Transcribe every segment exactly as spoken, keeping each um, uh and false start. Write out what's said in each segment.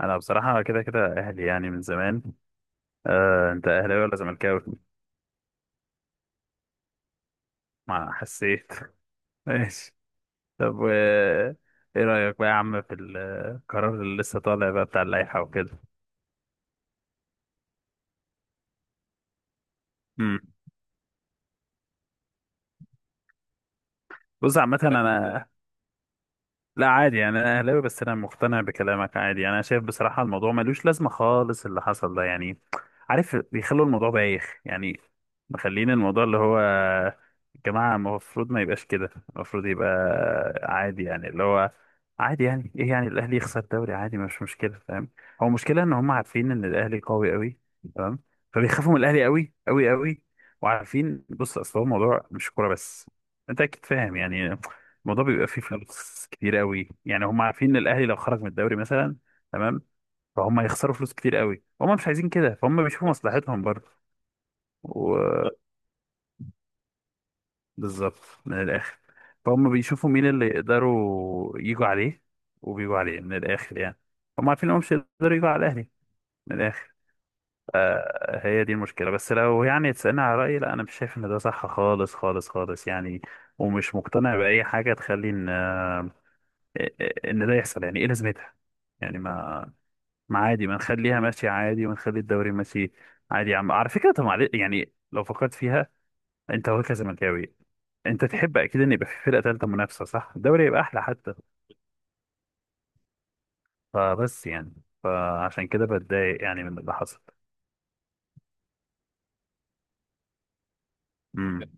انا بصراحه كده كده اهلي يعني من زمان. آه، انت اهلاوي ولا زملكاوي؟ ما حسيت. ماشي. طب و ايه رايك بقى يا عم في القرار اللي لسه طالع بقى بتاع اللائحه وكده؟ امم بص عامه انا، لا عادي يعني، انا اهلاوي بس انا مقتنع بكلامك عادي يعني. انا شايف بصراحه الموضوع ملوش لازمه خالص اللي حصل ده يعني. عارف بيخلوا الموضوع بايخ يعني، مخلين الموضوع اللي هو يا جماعه المفروض ما يبقاش كده. المفروض يبقى عادي يعني، اللي هو عادي يعني، ايه يعني الاهلي يخسر دوري؟ عادي، مش مشكله، فاهم؟ هو المشكله ان هم عارفين ان الاهلي قوي قوي. تمام. فبيخافوا من الاهلي قوي قوي قوي. وعارفين، بص، اصل هو الموضوع مش كوره بس، انت اكيد فاهم يعني. الموضوع بيبقى فيه فلوس كتير قوي يعني، هم عارفين ان الاهلي لو خرج من الدوري مثلا، تمام، فهم هيخسروا فلوس كتير قوي. هم مش عايزين كده فهم بيشوفوا مصلحتهم برضه. وبالظبط. من الاخر، فهم بيشوفوا مين اللي يقدروا يجوا عليه، وبيجوا عليه من الاخر يعني. هم عارفين انهم مش هيقدروا يجوا على الاهلي من الاخر. آه، هي دي المشكله. بس لو يعني تسالني على رايي، لا انا مش شايف ان ده صح خالص خالص خالص يعني. ومش مقتنع باي حاجه تخلي ان ان ده يحصل. يعني ايه لازمتها؟ يعني ما ما عادي، ما نخليها ماشيه عادي ونخلي الدوري ماشي عادي. يا عم، على فكره، طب معلش يعني، لو فكرت فيها، انت هو كزملكاوي انت تحب اكيد ان يبقى في فرقه ثالثه منافسه، صح؟ الدوري يبقى احلى حتى. فبس يعني، فعشان كده بتضايق يعني من اللي حصل. امم،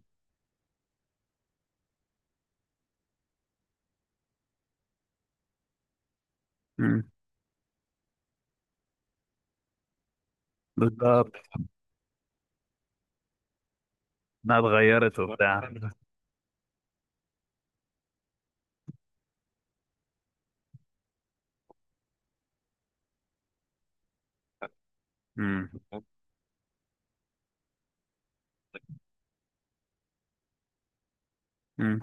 امم، بالظبط. انها اتغيرت وبتاع. امم، امم،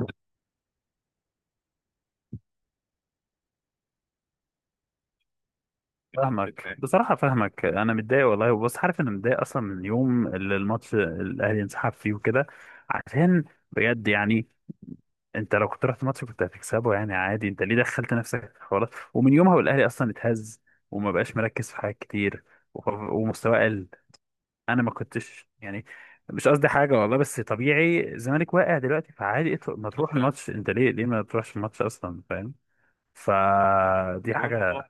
فاهمك بصراحة، فاهمك. أنا متضايق والله، بس عارف، أنا متضايق أصلا من اليوم اللي الماتش الأهلي انسحب فيه وكده. عشان، بجد يعني، أنت لو كنت رحت الماتش كنت هتكسبه يعني عادي، أنت ليه دخلت نفسك في حوارات؟ ومن يومها والأهلي أصلا اتهز وما بقاش مركز في حاجات كتير، وخ- ومستواه قل. أنا ما كنتش يعني، مش قصدي حاجة والله، بس طبيعي الزمالك واقع دلوقتي فعادي. اطلع- ما تروح الماتش. أنت ليه، ليه ما تروحش الماتش أصلا، فاهم؟ فدي حاجة.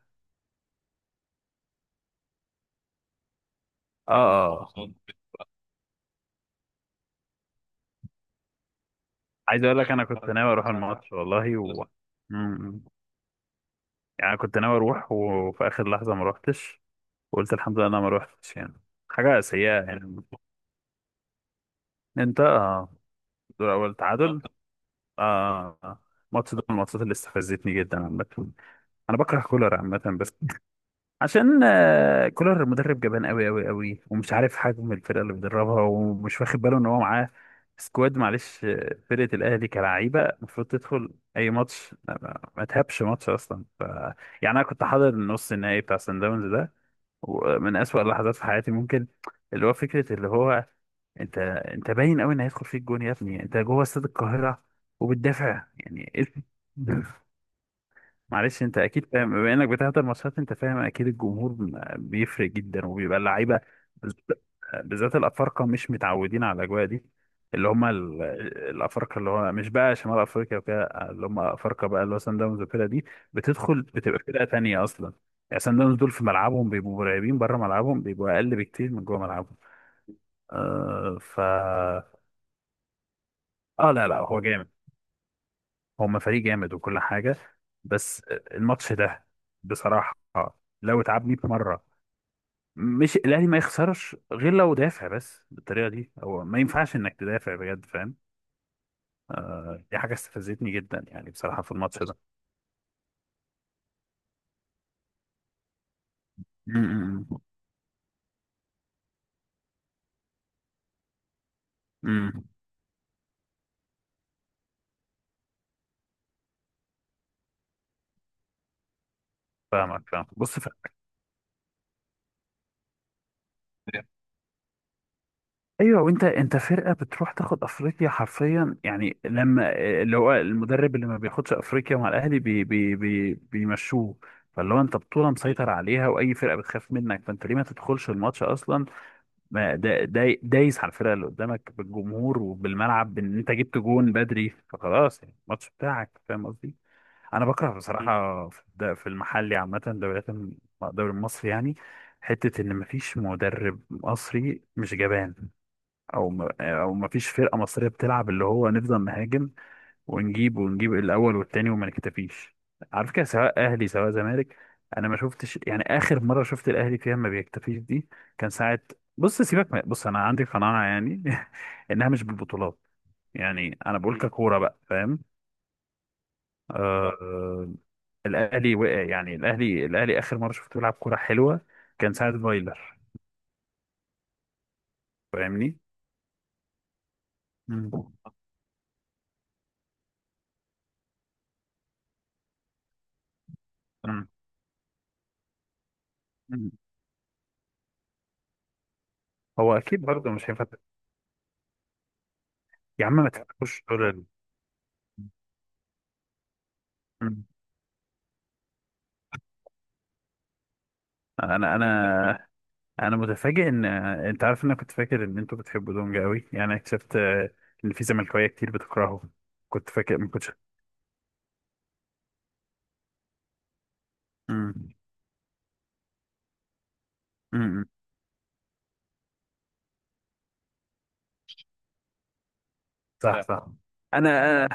اه، اه، عايز اقول لك انا كنت ناوي اروح الماتش والله. و... مم. يعني كنت ناوي اروح وفي اخر لحظه ما روحتش، وقلت الحمد لله انا ما روحتش يعني. حاجه سيئه يعني. انت؟ آه، دور اول تعادل. آه. آه. ماتش ده من الماتشات اللي استفزتني جدا عامه. انا بكره كولر عامه بس. عشان آه، كولر مدرب جبان قوي قوي قوي ومش عارف حجم الفرقه اللي بيدربها ومش واخد باله ان هو معاه سكواد. معلش، آه، فرقه الاهلي كلعيبه المفروض تدخل اي ماتش، ما ما تهبش ماتش اصلا. ف... يعني انا كنت حاضر النص النهائي بتاع سان داونز ده، ومن اسوأ اللحظات في حياتي ممكن. اللي هو فكره، اللي هو انت انت باين قوي ان هيدخل فيك جون يا ابني، انت جوه استاد القاهره وبتدافع، يعني إيه؟ معلش انت اكيد فاهم بما انك بتحضر ماتشات، انت فاهم اكيد الجمهور م- بيفرق جدا وبيبقى اللعيبه، بز- بالذات الافارقه مش متعودين على الاجواء دي، اللي هم ال- الافارقه اللي هو مش بقى شمال افريقيا وكده، اللي هم افارقه بقى اللي هو سان داونز وكده، دي بتدخل بتبقى فرقه تانيه اصلا يعني. سان داونز دول في ملعبهم بيبقوا مرعبين، بره ملعبهم بيبقوا اقل بكتير من جوه ملعبهم. آه ف اه، لا، لا، هو جامد. هما فريق جامد وكل حاجة. بس الماتش ده بصراحة لو اتعبني بمرة. مش الأهلي ما يخسرش غير لو دافع، بس بالطريقة دي هو ما ينفعش إنك تدافع بجد، فاهم؟ دي حاجة استفزتني جدا يعني بصراحة في الماتش ده. امم، امم، فاهمك، فاهم، بص. ايوه، وانت انت فرقه بتروح تاخد افريقيا حرفيا يعني، لما اللي هو المدرب اللي ما بياخدش افريقيا مع الاهلي بي بي بي بيمشوه فاللي هو انت بطوله مسيطر عليها واي فرقه بتخاف منك، فانت ليه ما تدخلش الماتش اصلا، ما دا دا دايس على الفرقه اللي قدامك بالجمهور وبالملعب، بان انت جبت جون بدري فخلاص يعني الماتش بتاعك، فاهم قصدي؟ انا بكره مم. بصراحه، في الد- في المحلي عامه، دوريات الم- الدوري المصري يعني، حته ان مفيش مدرب مصري مش جبان، او ما او ما فيش فرقه مصريه بتلعب، اللي هو نفضل نهاجم ونجيب ونجيب الاول والتاني وما نكتفيش، عارف كده، سواء اهلي سواء زمالك. انا ما شفتش يعني اخر مره شفت الاهلي فيها ما بيكتفيش دي، كان ساعه. بص سيبك من- بص، انا عندي قناعه يعني انها مش بالبطولات. يعني انا بقول مم. ككوره بقى، فاهم؟ آه، اه، آه، الاهلي وقع يعني. الاهلي، الاهلي اخر مره شفته بيلعب كوره حلوه كان ساعه فايلر. فاهمني. مم. مم. مم. هو اكيد برضه مش هينفع. يا عم ما تحبوش دول. مم. انا انا انا متفاجئ ان انت عارف ان انا كنت فاكر ان انتوا بتحبوا دونج قوي يعني، اكتشفت آه، ان في زملكاويه كتير بتكرهه. كنت فاكر ما كنتش. مم. مم. صح، صح. انا آه،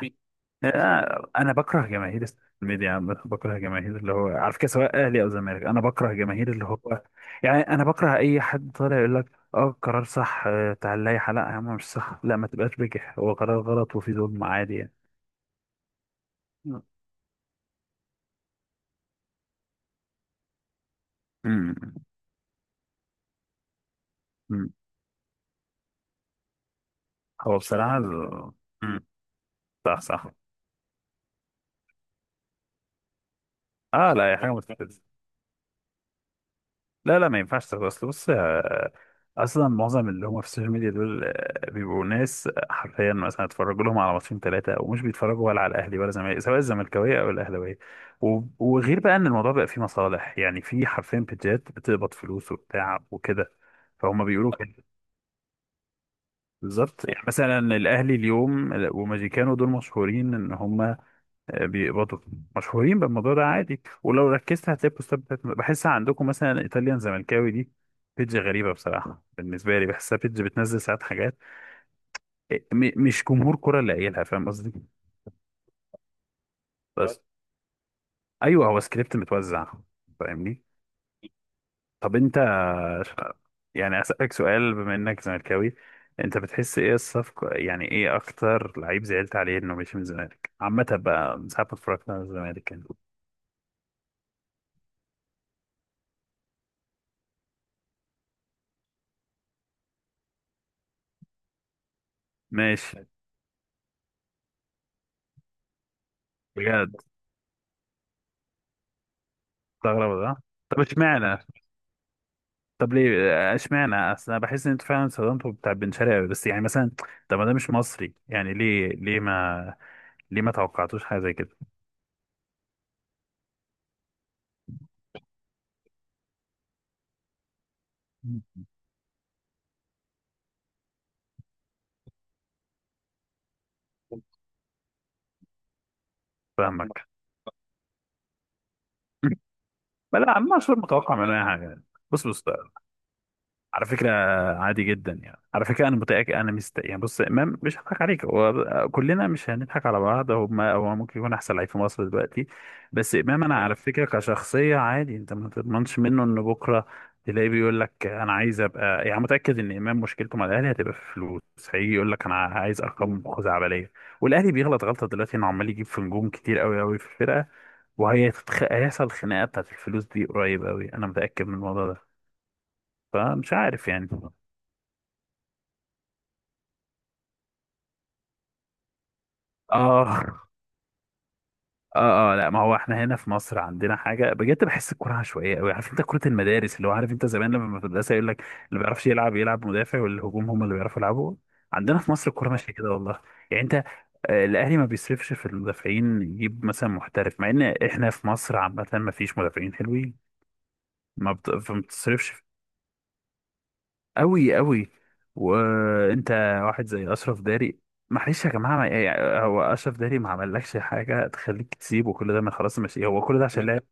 آه، انا بكره جماهير الميديا عامة، بكره جماهير اللي هو، على فكره، سواء اهلي او زمالك، انا بكره جماهير اللي هو يعني، انا بكره اي حد طالع يقول لك اه قرار صح، آه، تعال، لا، لا يا عم مش صح، لا ما تبقاش بجح، هو قرار غلط وفي ظلم عادي يعني. امم. أمم. هو بصراحة ال... أمم. صح، صح. اه، لا، هي حاجة متفلسفة. لا، لا ما ينفعش تاخد. اصل بص، آه، اصلا معظم اللي هم في السوشيال ميديا دول آه، بيبقوا ناس آه، حرفيا مثلا اتفرجوا لهم على ماتشين ثلاثة ومش بيتفرجوا ولا على الاهلي ولا زمالك، سواء الزملكاوية او الاهلاوية. و... وغير بقى ان الموضوع بقى فيه مصالح يعني، في حرفيا بيجات بتقبض فلوس وبتاع وكده. فهم بيقولوا كده. بالظبط يعني، مثلا الاهلي اليوم، آه، وماجيكانو دول مشهورين ان هم بيبقوا مشهورين بالموضوع ده عادي. ولو ركزت هتلاقي البوستات بتاعت، بحسها عندكم مثلا ايطاليان زملكاوي دي، بيدج غريبه بصراحه بالنسبه لي، بحسها بيدج بتنزل ساعات حاجات، آه، م- مش جمهور كره اللي قايلها، فاهم قصدي؟ بس، ايوه، هو سكريبت متوزع، فاهمني؟ طب انت، يعني اسالك سؤال بما انك زملكاوي، انت بتحس ايه الصفقه يعني، ايه اكتر لعيب زعلت عليه انه مش من الزمالك عامه بقى من ساعه ما اتفرجت على الزمالك يعني؟ ماشي، بجد. استغرب ده. طب اشمعنى، طب ليه آه، اشمعنى؟ اصل انا بحس ان انتوا فعلا استخدمتوا بتاع بن شرقي أوي. بس يعني مثلا، طب ما ده مش مصري يعني، ليه، ليه ما ليه ما توقعتوش حاجه زي كده؟ فاهمك. ما لا، انا مش متوقع منه اي حاجه. بص بص على فكرة، عادي جدا يعني، على فكرة أنا متأكد. أنا مست يعني، بص، إمام مش هضحك عليك، هو كلنا مش هنضحك على بعض، هو ما هو ممكن يكون أحسن لعيب في مصر دلوقتي. بس إمام أنا على فكرة كشخصية عادي، أنت ما تضمنش منه إن بكرة تلاقيه بيقول لك أنا عايز أبقى. يعني متأكد إن إمام مشكلته مع الأهلي هتبقى في الفلوس، هيجي يقول لك أنا عايز أرقام خزعبلية. والأهلي بيغلط غلطة دلوقتي إنه عمال يجيب في نجوم كتير قوي قوي في الفرقة، وهيحصل خناقة بتاعت الفلوس دي قريب قوي، أنا متأكد من الموضوع ده. فمش عارف يعني. اه. اه اه لا، ما هو احنا هنا في مصر عندنا حاجه بجد، بحس الكوره عشوائيه قوي. عارف انت كره المدارس، اللي هو، عارف انت زمان لما في المدرسه يقول لك اللي ما بيعرفش يلعب يلعب مدافع والهجوم هم اللي بيعرفوا يلعبوا؟ عندنا في مصر الكوره ماشيه كده والله. يعني انت، آه، الاهلي ما بيصرفش في المدافعين، يجيب مثلا محترف، مع ان احنا في مصر عامه ما فيش مدافعين حلوين، ما بت- فما بتصرفش. أوي أوي. وأنت، واحد زي أشرف داري، معلش يا جماعة، ما يعني، هو أشرف داري ما عملكش حاجة تخليك تسيبه كل ده، من خلاص ماشي، هو كل ده عشان لا، لعب،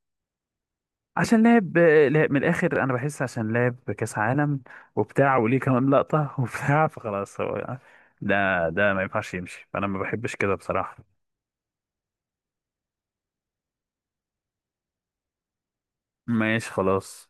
عشان لعب. لعب- من الآخر أنا بحس عشان لعب كأس عالم وبتاع، وليه كمان لقطة وبتاع، فخلاص هو ده. ده ما ينفعش يمشي، فأنا ما بحبش كده بصراحة. ماشي، خلاص.